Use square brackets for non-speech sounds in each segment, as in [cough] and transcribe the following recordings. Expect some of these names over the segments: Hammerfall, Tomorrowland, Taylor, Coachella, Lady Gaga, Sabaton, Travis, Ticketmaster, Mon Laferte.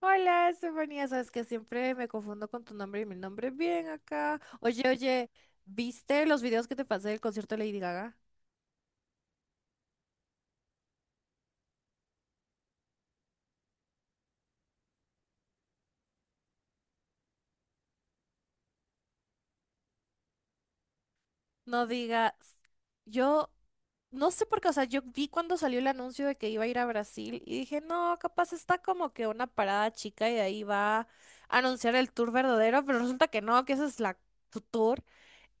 Hola, Estefanía, sabes que siempre me confundo con tu nombre y mi nombre es bien acá. Oye, oye, ¿viste los videos que te pasé del concierto de Lady Gaga? No digas, yo no sé por qué, o sea, yo vi cuando salió el anuncio de que iba a ir a Brasil y dije, no, capaz está como que una parada chica y de ahí va a anunciar el tour verdadero, pero resulta que no, que esa es la tu tour.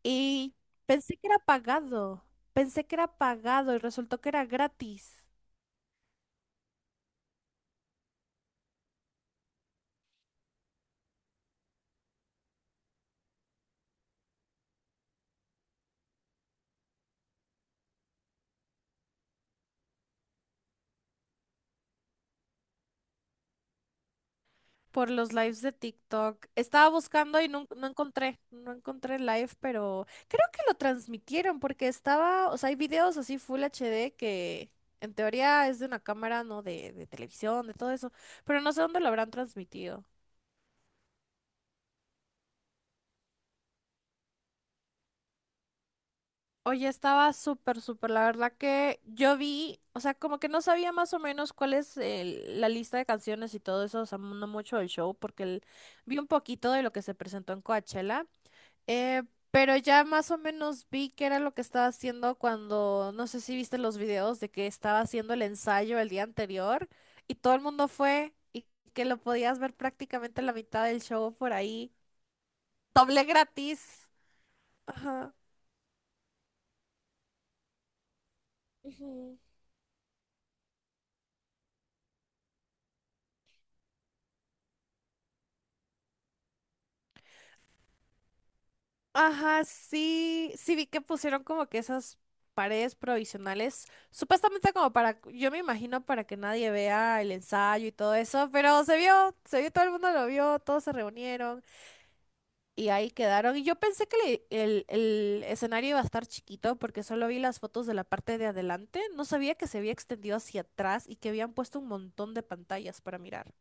Y pensé que era pagado, pensé que era pagado y resultó que era gratis. Por los lives de TikTok. Estaba buscando y no, no encontré live, pero creo que lo transmitieron porque estaba, o sea, hay videos así Full HD que en teoría es de una cámara, ¿no? De televisión, de todo eso, pero no sé dónde lo habrán transmitido. Oye, estaba súper, súper, la verdad que yo vi, o sea, como que no sabía más o menos cuál es la lista de canciones y todo eso, o sea, no mucho del show, porque vi un poquito de lo que se presentó en Coachella. Eh, pero ya más o menos vi que era lo que estaba haciendo cuando, no sé si viste los videos de que estaba haciendo el ensayo el día anterior y todo el mundo fue y que lo podías ver prácticamente la mitad del show por ahí. Doble gratis. Ajá. Ujú. Ajá, sí, sí vi que pusieron como que esas paredes provisionales, supuestamente como para, yo me imagino para que nadie vea el ensayo y todo eso, pero se vio, todo el mundo lo vio, todos se reunieron. Y ahí quedaron. Y yo pensé que el escenario iba a estar chiquito porque solo vi las fotos de la parte de adelante. No sabía que se había extendido hacia atrás y que habían puesto un montón de pantallas para mirar.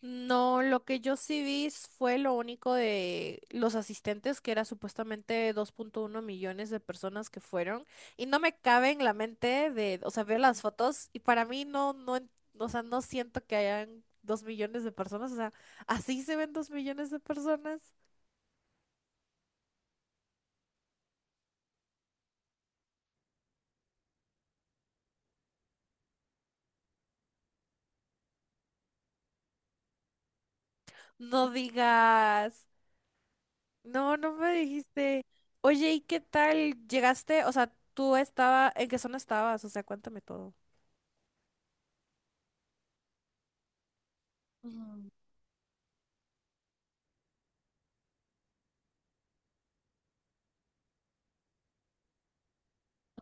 No, lo que yo sí vi fue lo único de los asistentes, que era supuestamente 2,1 millones de personas que fueron. Y no me cabe en la mente de, o sea, ver las fotos y para mí no, no, o sea, no siento que hayan 2 millones de personas. O sea, ¿así se ven 2 millones de personas? No digas. No, no me dijiste. Oye, ¿y qué tal? ¿Llegaste? O sea, tú estaba, ¿en qué zona estabas? O sea, cuéntame todo. Ujú,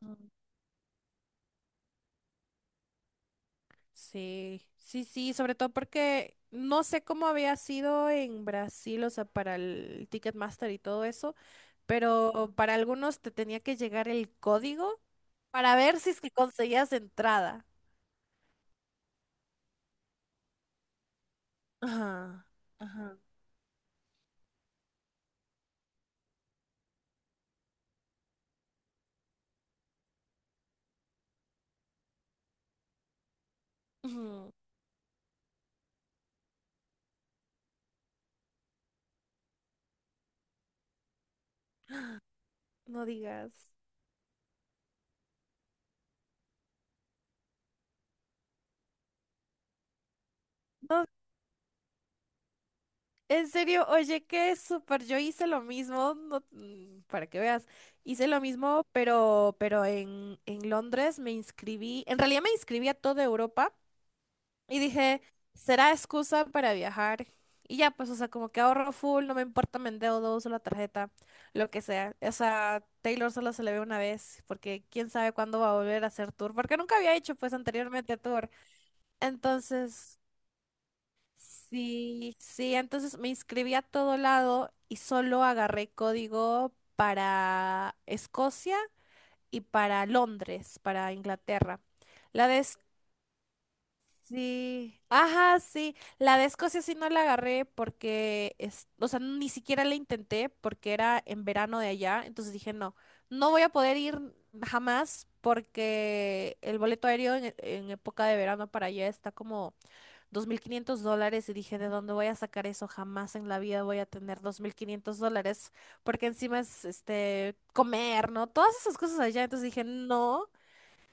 ujú. Sí, sí, sí, sobre todo porque no sé cómo había sido en Brasil, o sea, para el Ticketmaster y todo eso, pero para algunos te tenía que llegar el código para ver si es que conseguías entrada. Ajá. Ajá. Ujú, no digas. No, en serio, oye, qué súper. Yo hice lo mismo, para que veas. Hice lo mismo, pero en Londres me inscribí. En realidad me inscribí a toda Europa y dije, será excusa para viajar. Y ya, pues, o sea, como que ahorro full, no me importa, me endeudo, uso la tarjeta, lo que sea. O sea, Taylor solo se le ve una vez, porque quién sabe cuándo va a volver a hacer tour, porque nunca había hecho, pues, anteriormente tour. Entonces, Sí, sí, entonces me inscribí a todo lado y solo agarré código para Escocia y para Londres, para Inglaterra. La de Es- sí, ajá, sí, la de Escocia sí no la agarré porque es, o sea, ni siquiera la intenté porque era en verano de allá, entonces dije, no, no voy a poder ir jamás porque el boleto aéreo en época de verano para allá está como $2500 y dije, ¿de dónde voy a sacar eso? Jamás en la vida voy a tener $2500 porque encima es este comer, ¿no? Todas esas cosas allá. Entonces dije, no,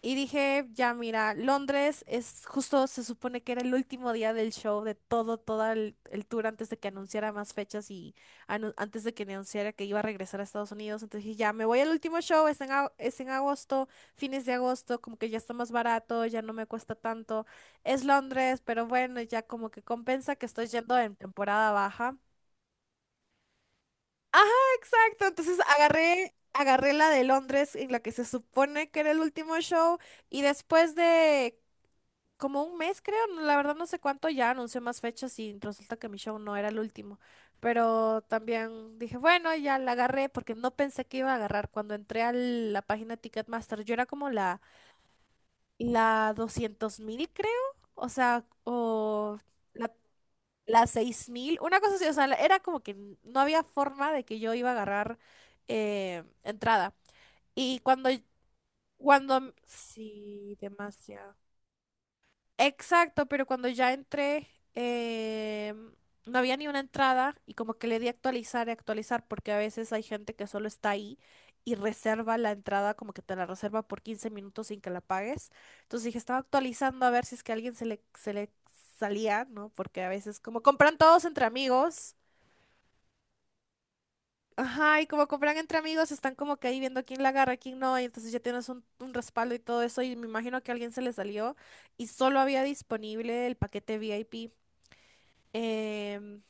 y dije, ya mira, Londres es justo, se supone que era el último día del show, de todo, todo el tour antes de que anunciara más fechas y antes de que anunciara que iba a regresar a Estados Unidos. Entonces dije, ya me voy al último show, es en agosto, fines de agosto, como que ya está más barato, ya no me cuesta tanto. Es Londres, pero bueno, ya como que compensa que estoy yendo en temporada baja. Ajá, exacto. Entonces agarré la de Londres en la que se supone que era el último show. Y después de como un mes, creo, la verdad no sé cuánto ya anuncié más fechas y resulta que mi show no era el último. Pero también dije, bueno, ya la agarré porque no pensé que iba a agarrar. Cuando entré a la página Ticketmaster, yo era como la 200.000, creo. O sea, o la, la 6000, una cosa así. O sea, era como que no había forma de que yo iba a agarrar entrada. Y cuando, sí, demasiado. Exacto, pero cuando ya entré, em, no había ni una entrada y como que le di a actualizar y actualizar porque a veces hay gente que solo está ahí y reserva la entrada, como que te la reserva por 15 minutos sin que la pagues. Entonces dije, estaba actualizando a ver si es que a alguien se le salía, ¿no? Porque a veces como compran todos entre amigos. Ajá, y como compran entre amigos, están como que ahí viendo quién la agarra, quién no, y entonces ya tienes un respaldo y todo eso, y me imagino que a alguien se le salió y solo había disponible el paquete VIP. Em,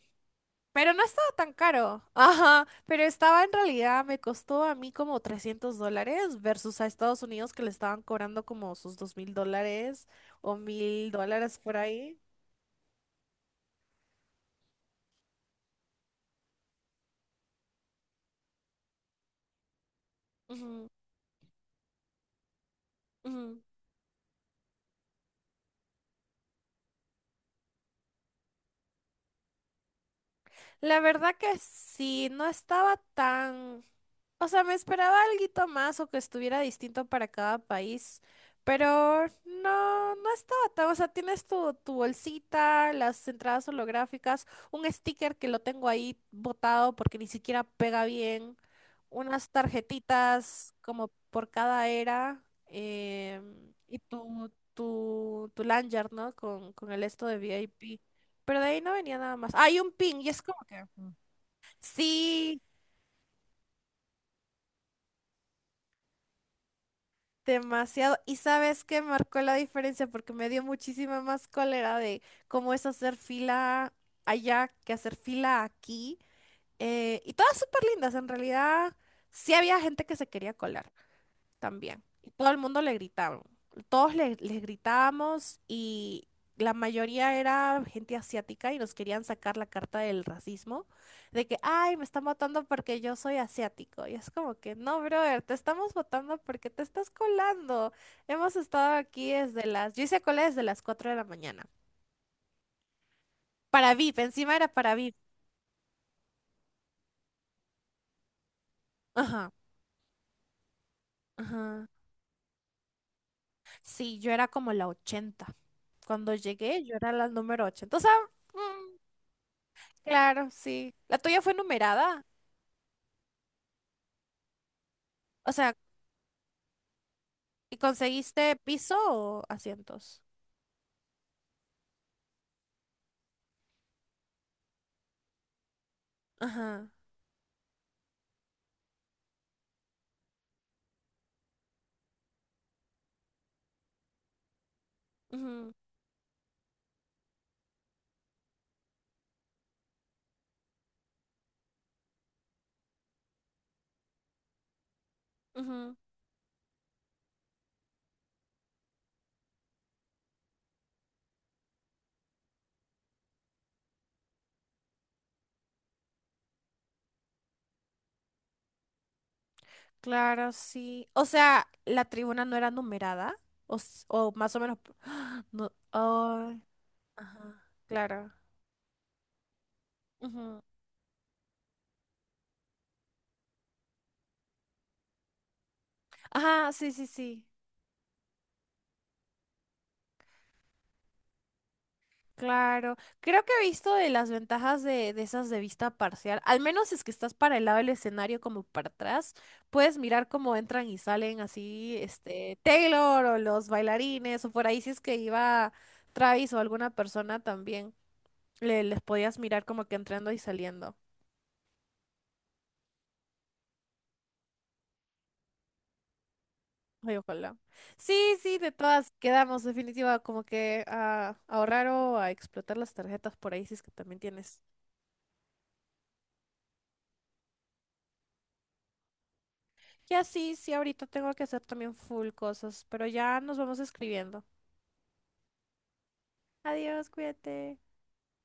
pero no estaba tan caro. Ajá, pero estaba en realidad, me costó a mí como $300 versus a Estados Unidos que le estaban cobrando como sus $2000 o $1000 por ahí. Ujú, ujú. La verdad que sí, no estaba tan... O sea, me esperaba alguito más o que estuviera distinto para cada país, pero no, no estaba tan, o sea, tienes tu bolsita, las entradas holográficas, un sticker que lo tengo ahí botado porque ni siquiera pega bien, unas tarjetitas como por cada era, y tu lanyard, ¿no? Con el esto de VIP. Pero de ahí no venía nada más. Hay un pin y es como que... mm. Sí, demasiado. ¿Y sabes qué marcó la diferencia? Porque me dio muchísima más cólera de cómo es hacer fila allá que hacer fila aquí. Y todas súper lindas. En realidad, sí había gente que se quería colar también. Y todo el mundo le gritaban. Todos les gritábamos y la mayoría era gente asiática y nos querían sacar la carta del racismo, de que, ay, me están votando porque yo soy asiático. Y es como que, no, brother, te estamos votando porque te estás colando. Hemos estado aquí desde las, yo hice cola desde las 4 de la mañana. Para VIP, encima era para VIP. Ajá, ajá. Sí, yo era como la 80. Cuando llegué, yo era la número 80. O sea, mm, claro, sí. ¿La tuya fue numerada? O sea, ¿y conseguiste piso o asientos? Ajá. Ujú, ujú. Claro, sí. O sea, ¿la tribuna no era numerada? O, o más o menos... [gasps] No. Ay, ajá. Claro. Ujú. Ajá, sí, sí, sí. Claro, creo que he visto de las ventajas de, esas de vista parcial, al menos si es que estás para el lado del escenario como para atrás, puedes mirar cómo entran y salen así, este, Taylor o los bailarines o por ahí si es que iba Travis o alguna persona también, les podías mirar como que entrando y saliendo. Ay, ojalá. Sí, sí, de todas quedamos definitiva como que a ahorrar o a explotar las tarjetas por ahí si es que también tienes. Y así, sí, ahorita tengo que hacer también full cosas, pero ya nos vamos escribiendo. Adiós, cuídate.